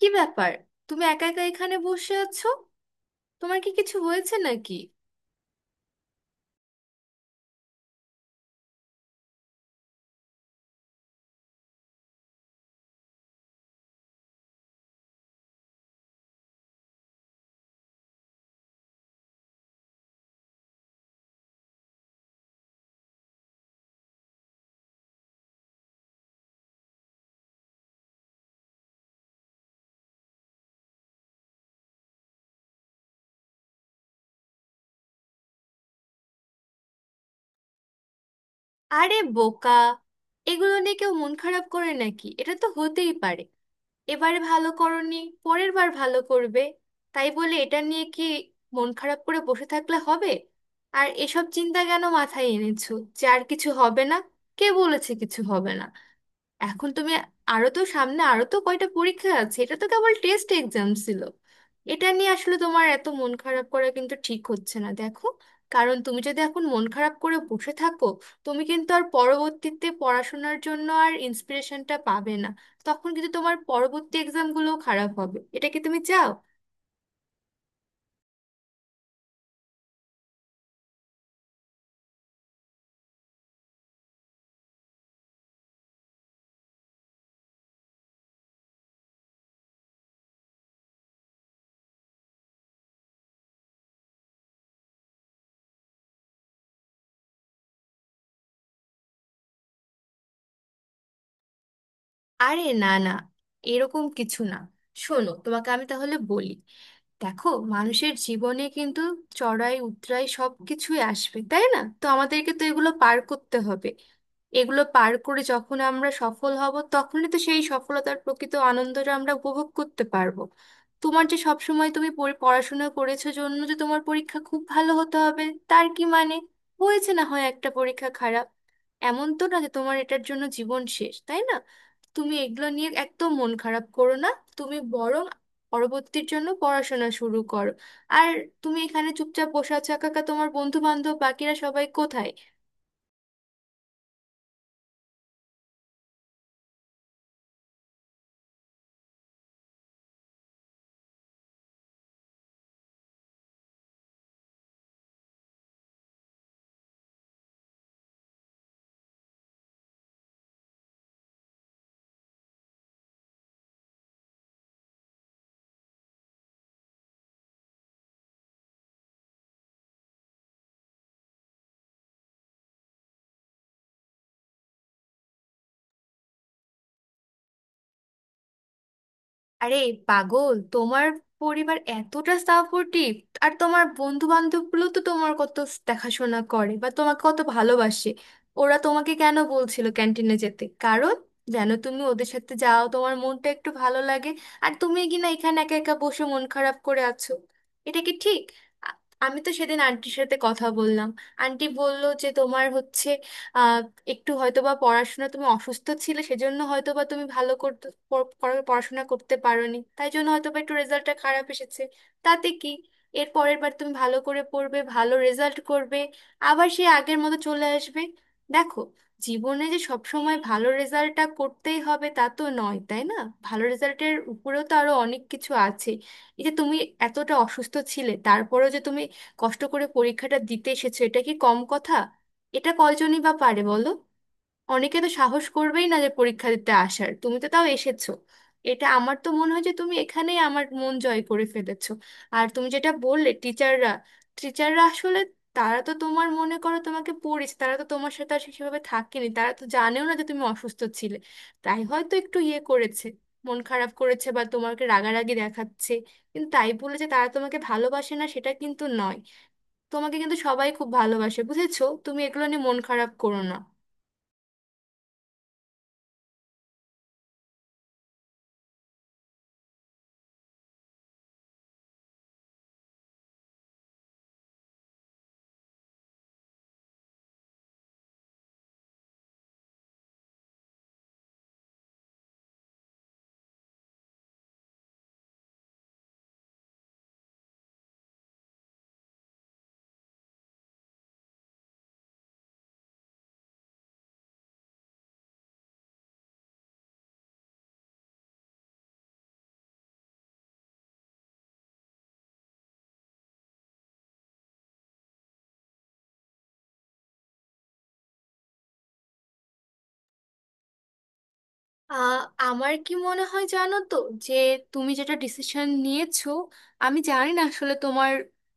কি ব্যাপার? তুমি একা একা এখানে বসে আছো? তোমার কি কিছু হয়েছে নাকি? আরে বোকা, এগুলো নিয়ে কেউ মন খারাপ করে নাকি? এটা তো হতেই পারে। এবারে ভালো করনি, পরের বার ভালো করবে। তাই বলে এটা নিয়ে কি মন খারাপ করে বসে থাকলে হবে? আর এসব চিন্তা কেন মাথায় এনেছো যে আর কিছু হবে না? কে বলেছে কিছু হবে না? এখন তুমি আরো তো সামনে, আরো তো কয়টা পরীক্ষা আছে, এটা তো কেবল টেস্ট এক্সাম ছিল। এটা নিয়ে আসলে তোমার এত মন খারাপ করা কিন্তু ঠিক হচ্ছে না, দেখো। কারণ তুমি যদি এখন মন খারাপ করে বসে থাকো, তুমি কিন্তু আর পরবর্তীতে পড়াশোনার জন্য আর ইন্সপিরেশনটা পাবে না। তখন কিন্তু তোমার পরবর্তী এক্সামগুলোও খারাপ হবে, এটা কি তুমি চাও? আরে না না, এরকম কিছু না। শোনো, তোমাকে আমি তাহলে বলি, দেখো, মানুষের জীবনে কিন্তু চড়াই উৎরাই সব কিছুই আসবে, তাই না? তো আমাদেরকে তো এগুলো পার করতে হবে। এগুলো পার করে যখন আমরা সফল হব, তখনই তো সেই সফলতার প্রকৃত আনন্দটা আমরা উপভোগ করতে পারবো। তোমার যে সব সময় তুমি পড়াশোনা করেছো জন্য যে তোমার পরীক্ষা খুব ভালো হতে হবে, তার কি মানে? হয়েছে না হয় একটা পরীক্ষা খারাপ, এমন তো না যে তোমার এটার জন্য জীবন শেষ, তাই না? তুমি এগুলো নিয়ে একদম মন খারাপ করো না। তুমি বরং পরবর্তীর জন্য পড়াশোনা শুরু করো। আর তুমি এখানে চুপচাপ বসে আছো একা একা, তোমার বন্ধু বান্ধব বাকিরা সবাই কোথায়? আরে পাগল, তোমার পরিবার এতটা সাপোর্টিভ, আর তোমার বন্ধু বান্ধব গুলো তো তোমার কত দেখাশোনা করে বা তোমাকে কত ভালোবাসে। ওরা তোমাকে কেন বলছিল ক্যান্টিনে যেতে? কারণ যেন তুমি ওদের সাথে যাও, তোমার মনটা একটু ভালো লাগে। আর তুমি কিনা এখানে একা একা বসে মন খারাপ করে আছো, এটা কি ঠিক? আ- আমি তো সেদিন আন্টির সাথে কথা বললাম। আন্টি বলল যে তোমার হচ্ছে একটু হয়তোবা পড়াশোনা, তুমি অসুস্থ ছিলে সেজন্য হয়তোবা তুমি ভালো করতে পড়াশোনা করতে পারোনি, তাই জন্য হয়তোবা একটু রেজাল্টটা খারাপ এসেছে। তাতে কি? এর পরের বার তুমি ভালো করে পড়বে, ভালো রেজাল্ট করবে। আবার সে আগের মতো চলে আসবে। দেখো, জীবনে যে সব সময় ভালো রেজাল্টটা করতেই হবে তা তো নয়, তাই না? ভালো রেজাল্টের উপরেও তো আরো অনেক কিছু আছে। এই যে তুমি এতটা অসুস্থ ছিলে, তারপরেও যে তুমি কষ্ট করে পরীক্ষাটা দিতে এসেছো, এটা কি কম কথা? এটা কয়জনই বা পারে বলো? অনেকে তো সাহস করবেই না যে পরীক্ষা দিতে আসার, তুমি তো তাও এসেছো। এটা আমার তো মনে হয় যে তুমি এখানেই আমার মন জয় করে ফেলেছো। আর তুমি যেটা বললে টিচাররা টিচাররা আসলে তারা তো তোমার, মনে করো, তোমাকে পড়িয়েছে, তারা তো তোমার সাথে আর সেভাবে থাকেনি, তারা তো জানেও না যে তুমি অসুস্থ ছিলে। তাই হয়তো একটু ইয়ে করেছে, মন খারাপ করেছে বা তোমাকে রাগারাগি দেখাচ্ছে। কিন্তু তাই বলে যে তারা তোমাকে ভালোবাসে না সেটা কিন্তু নয়। তোমাকে কিন্তু সবাই খুব ভালোবাসে, বুঝেছো? তুমি এগুলো নিয়ে মন খারাপ করো না। আহ, আমার কি মনে হয় জানো তো, যে তুমি যেটা ডিসিশন নিয়েছো, আমি জানি না আসলে তোমার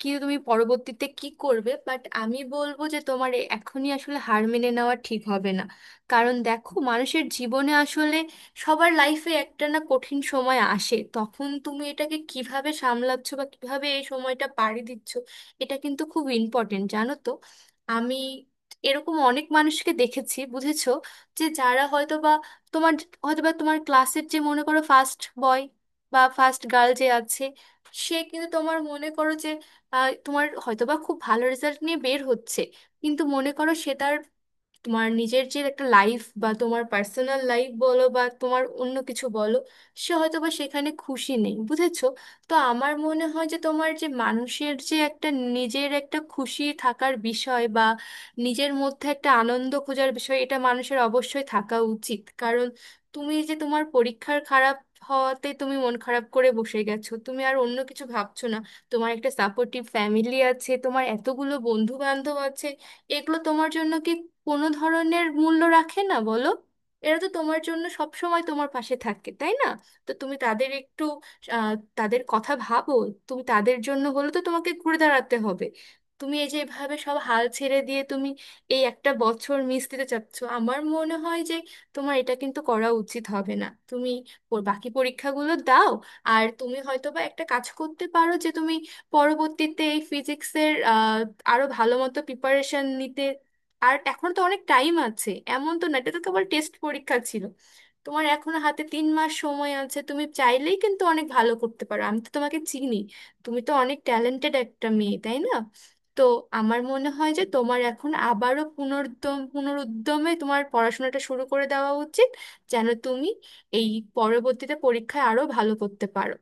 কি, তুমি পরবর্তীতে কি করবে, বাট আমি বলবো যে তোমার এখনই আসলে হার মেনে নেওয়া ঠিক হবে না। কারণ দেখো, মানুষের জীবনে আসলে সবার লাইফে একটা না কঠিন সময় আসে, তখন তুমি এটাকে কিভাবে সামলাচ্ছ বা কিভাবে এই সময়টা পাড়ি দিচ্ছ, এটা কিন্তু খুব ইম্পর্টেন্ট, জানো তো? আমি এরকম অনেক মানুষকে দেখেছি, বুঝেছো, যে যারা হয়তো বা তোমার হয়তোবা তোমার ক্লাসের যে, মনে করো, ফার্স্ট বয় বা ফার্স্ট গার্ল যে আছে, সে কিন্তু তোমার, মনে করো যে তোমার হয়তোবা খুব ভালো রেজাল্ট নিয়ে বের হচ্ছে, কিন্তু মনে করো সে তার তোমার নিজের যে একটা লাইফ বা তোমার পার্সোনাল লাইফ বলো বা তোমার অন্য কিছু বলো, সে হয়তো বা সেখানে খুশি নেই, বুঝেছো? তো আমার মনে হয় যে তোমার যে মানুষের যে একটা নিজের একটা খুশি থাকার বিষয় বা নিজের মধ্যে একটা আনন্দ খোঁজার বিষয়, এটা মানুষের অবশ্যই থাকা উচিত। কারণ তুমি যে তোমার পরীক্ষার খারাপ হওয়াতে তুমি মন খারাপ করে বসে গেছো, তুমি আর অন্য কিছু ভাবছো না। তোমার একটা সাপোর্টিভ ফ্যামিলি আছে, তোমার এতগুলো বন্ধু বান্ধব আছে, এগুলো তোমার জন্য কি কোনো ধরনের মূল্য রাখে না বলো? এরা তো তোমার জন্য সব সময় তোমার পাশে থাকে, তাই না? তো তুমি তাদের একটু আহ, তাদের কথা ভাবো। তুমি তাদের জন্য হলে তো তোমাকে ঘুরে দাঁড়াতে হবে। তুমি এই যে এভাবে সব হাল ছেড়ে দিয়ে তুমি এই একটা বছর মিস দিতে চাচ্ছ, আমার মনে হয় যে তোমার এটা কিন্তু করা উচিত হবে না। তুমি ওর বাকি পরীক্ষাগুলো দাও। আর তুমি হয়তো বা একটা কাজ করতে পারো যে তুমি পরবর্তীতে এই ফিজিক্সের আরো ভালো মতো প্রিপারেশন নিতে। আর এখন তো অনেক টাইম আছে, এমন তো না, এটা তো কেবল টেস্ট পরীক্ষা ছিল। তোমার এখনো হাতে 3 মাস সময় আছে, তুমি চাইলেই কিন্তু অনেক ভালো করতে পারো। আমি তো তোমাকে চিনি, তুমি তো অনেক ট্যালেন্টেড একটা মেয়ে, তাই না? তো আমার মনে হয় যে তোমার এখন আবারও পুনরুদ্যমে তোমার পড়াশোনাটা শুরু করে দেওয়া উচিত, যেন তুমি এই পরবর্তীতে পরীক্ষায় আরো ভালো করতে পারো।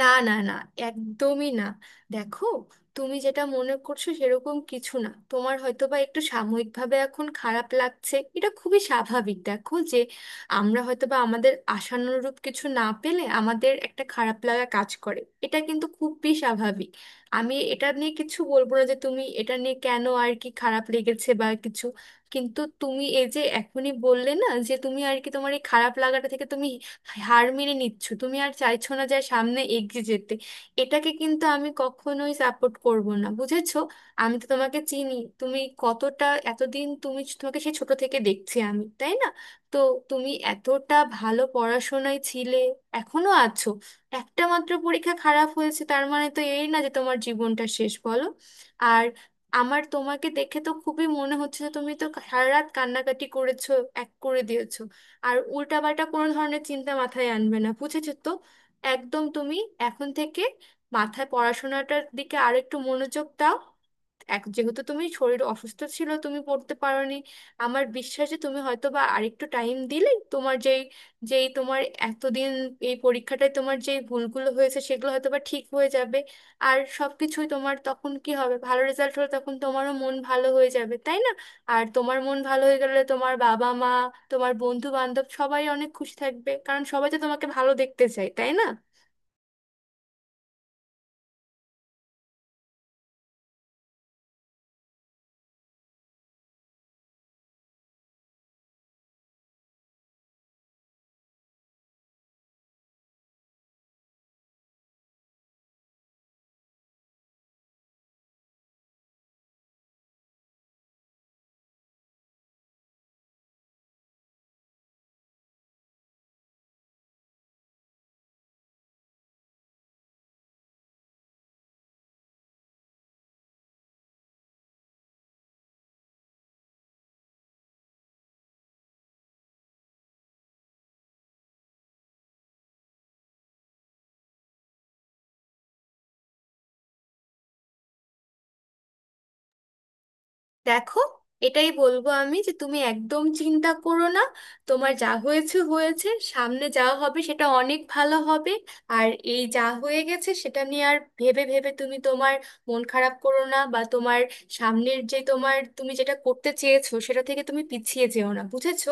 না না না, একদমই না। দেখো, তুমি যেটা মনে করছো সেরকম কিছু না। তোমার হয়তো বা একটু সাময়িকভাবে এখন খারাপ লাগছে, এটা খুবই স্বাভাবিক। দেখো, যে আমরা হয়তো বা আমাদের আশানুরূপ কিছু না পেলে আমাদের একটা খারাপ লাগা কাজ করে, এটা কিন্তু খুবই স্বাভাবিক। আমি এটা নিয়ে কিছু বলবো না যে তুমি এটা নিয়ে কেন আর কি খারাপ লেগেছে বা কিছু। কিন্তু তুমি এই যে এখনই বললে না যে তুমি আর কি, তোমার এই খারাপ লাগাটা থেকে তুমি হার মেনে নিচ্ছ, তুমি আর চাইছো না যে সামনে এগিয়ে যেতে, এটাকে কিন্তু আমি কখনোই সাপোর্ট করব না, বুঝেছো? আমি তো তোমাকে চিনি তুমি কতটা, এতদিন তুমি তোমাকে সেই ছোট থেকে দেখছি আমি, তাই না? তো তুমি এতটা ভালো পড়াশোনায় ছিলে, এখনো আছো। একটা মাত্র পরীক্ষা খারাপ হয়েছে, তার মানে তো এই না যে তোমার জীবনটা শেষ, বলো? আর আমার তোমাকে দেখে তো খুবই মনে হচ্ছে যে তুমি তো সারা রাত কান্নাকাটি করেছো, এক করে দিয়েছো। আর উল্টাপাল্টা কোনো ধরনের চিন্তা মাথায় আনবে না, বুঝেছো তো? একদম তুমি এখন থেকে মাথায় পড়াশোনাটার দিকে আরেকটু মনোযোগ দাও। এক যেহেতু তুমি শরীর অসুস্থ ছিল তুমি পড়তে পারোনি, আমার বিশ্বাস যে তুমি হয়তো বা আরেকটু টাইম দিলে তোমার যেই যেই তোমার এতদিন এই পরীক্ষাটায় তোমার যে ভুলগুলো হয়েছে সেগুলো হয়তো বা ঠিক হয়ে যাবে। আর সবকিছুই তোমার তখন কি হবে, ভালো রেজাল্ট হলে তখন তোমারও মন ভালো হয়ে যাবে, তাই না? আর তোমার মন ভালো হয়ে গেলে তোমার বাবা মা, তোমার বন্ধু বান্ধব সবাই অনেক খুশি থাকবে, কারণ সবাই তো তোমাকে ভালো দেখতে চায়, তাই না? দেখো, এটাই বলবো আমি যে তুমি একদম চিন্তা করো না। তোমার যা হয়েছে হয়েছে, সামনে যা হবে সেটা অনেক ভালো হবে। আর এই যা হয়ে গেছে সেটা নিয়ে আর ভেবে ভেবে তুমি তোমার মন খারাপ করো না, বা তোমার সামনের যে তোমার তুমি যেটা করতে চেয়েছো সেটা থেকে তুমি পিছিয়ে যেও না, বুঝেছো?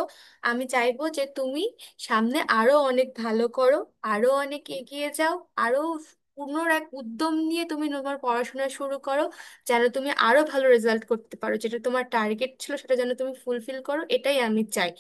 আমি চাইবো যে তুমি সামনে আরো অনেক ভালো করো, আরো অনেক এগিয়ে যাও, আরো পূর্ণ এক উদ্যম নিয়ে তুমি তোমার পড়াশোনা শুরু করো, যেন তুমি আরো ভালো রেজাল্ট করতে পারো, যেটা তোমার টার্গেট ছিল সেটা যেন তুমি ফুলফিল করো, এটাই আমি চাই।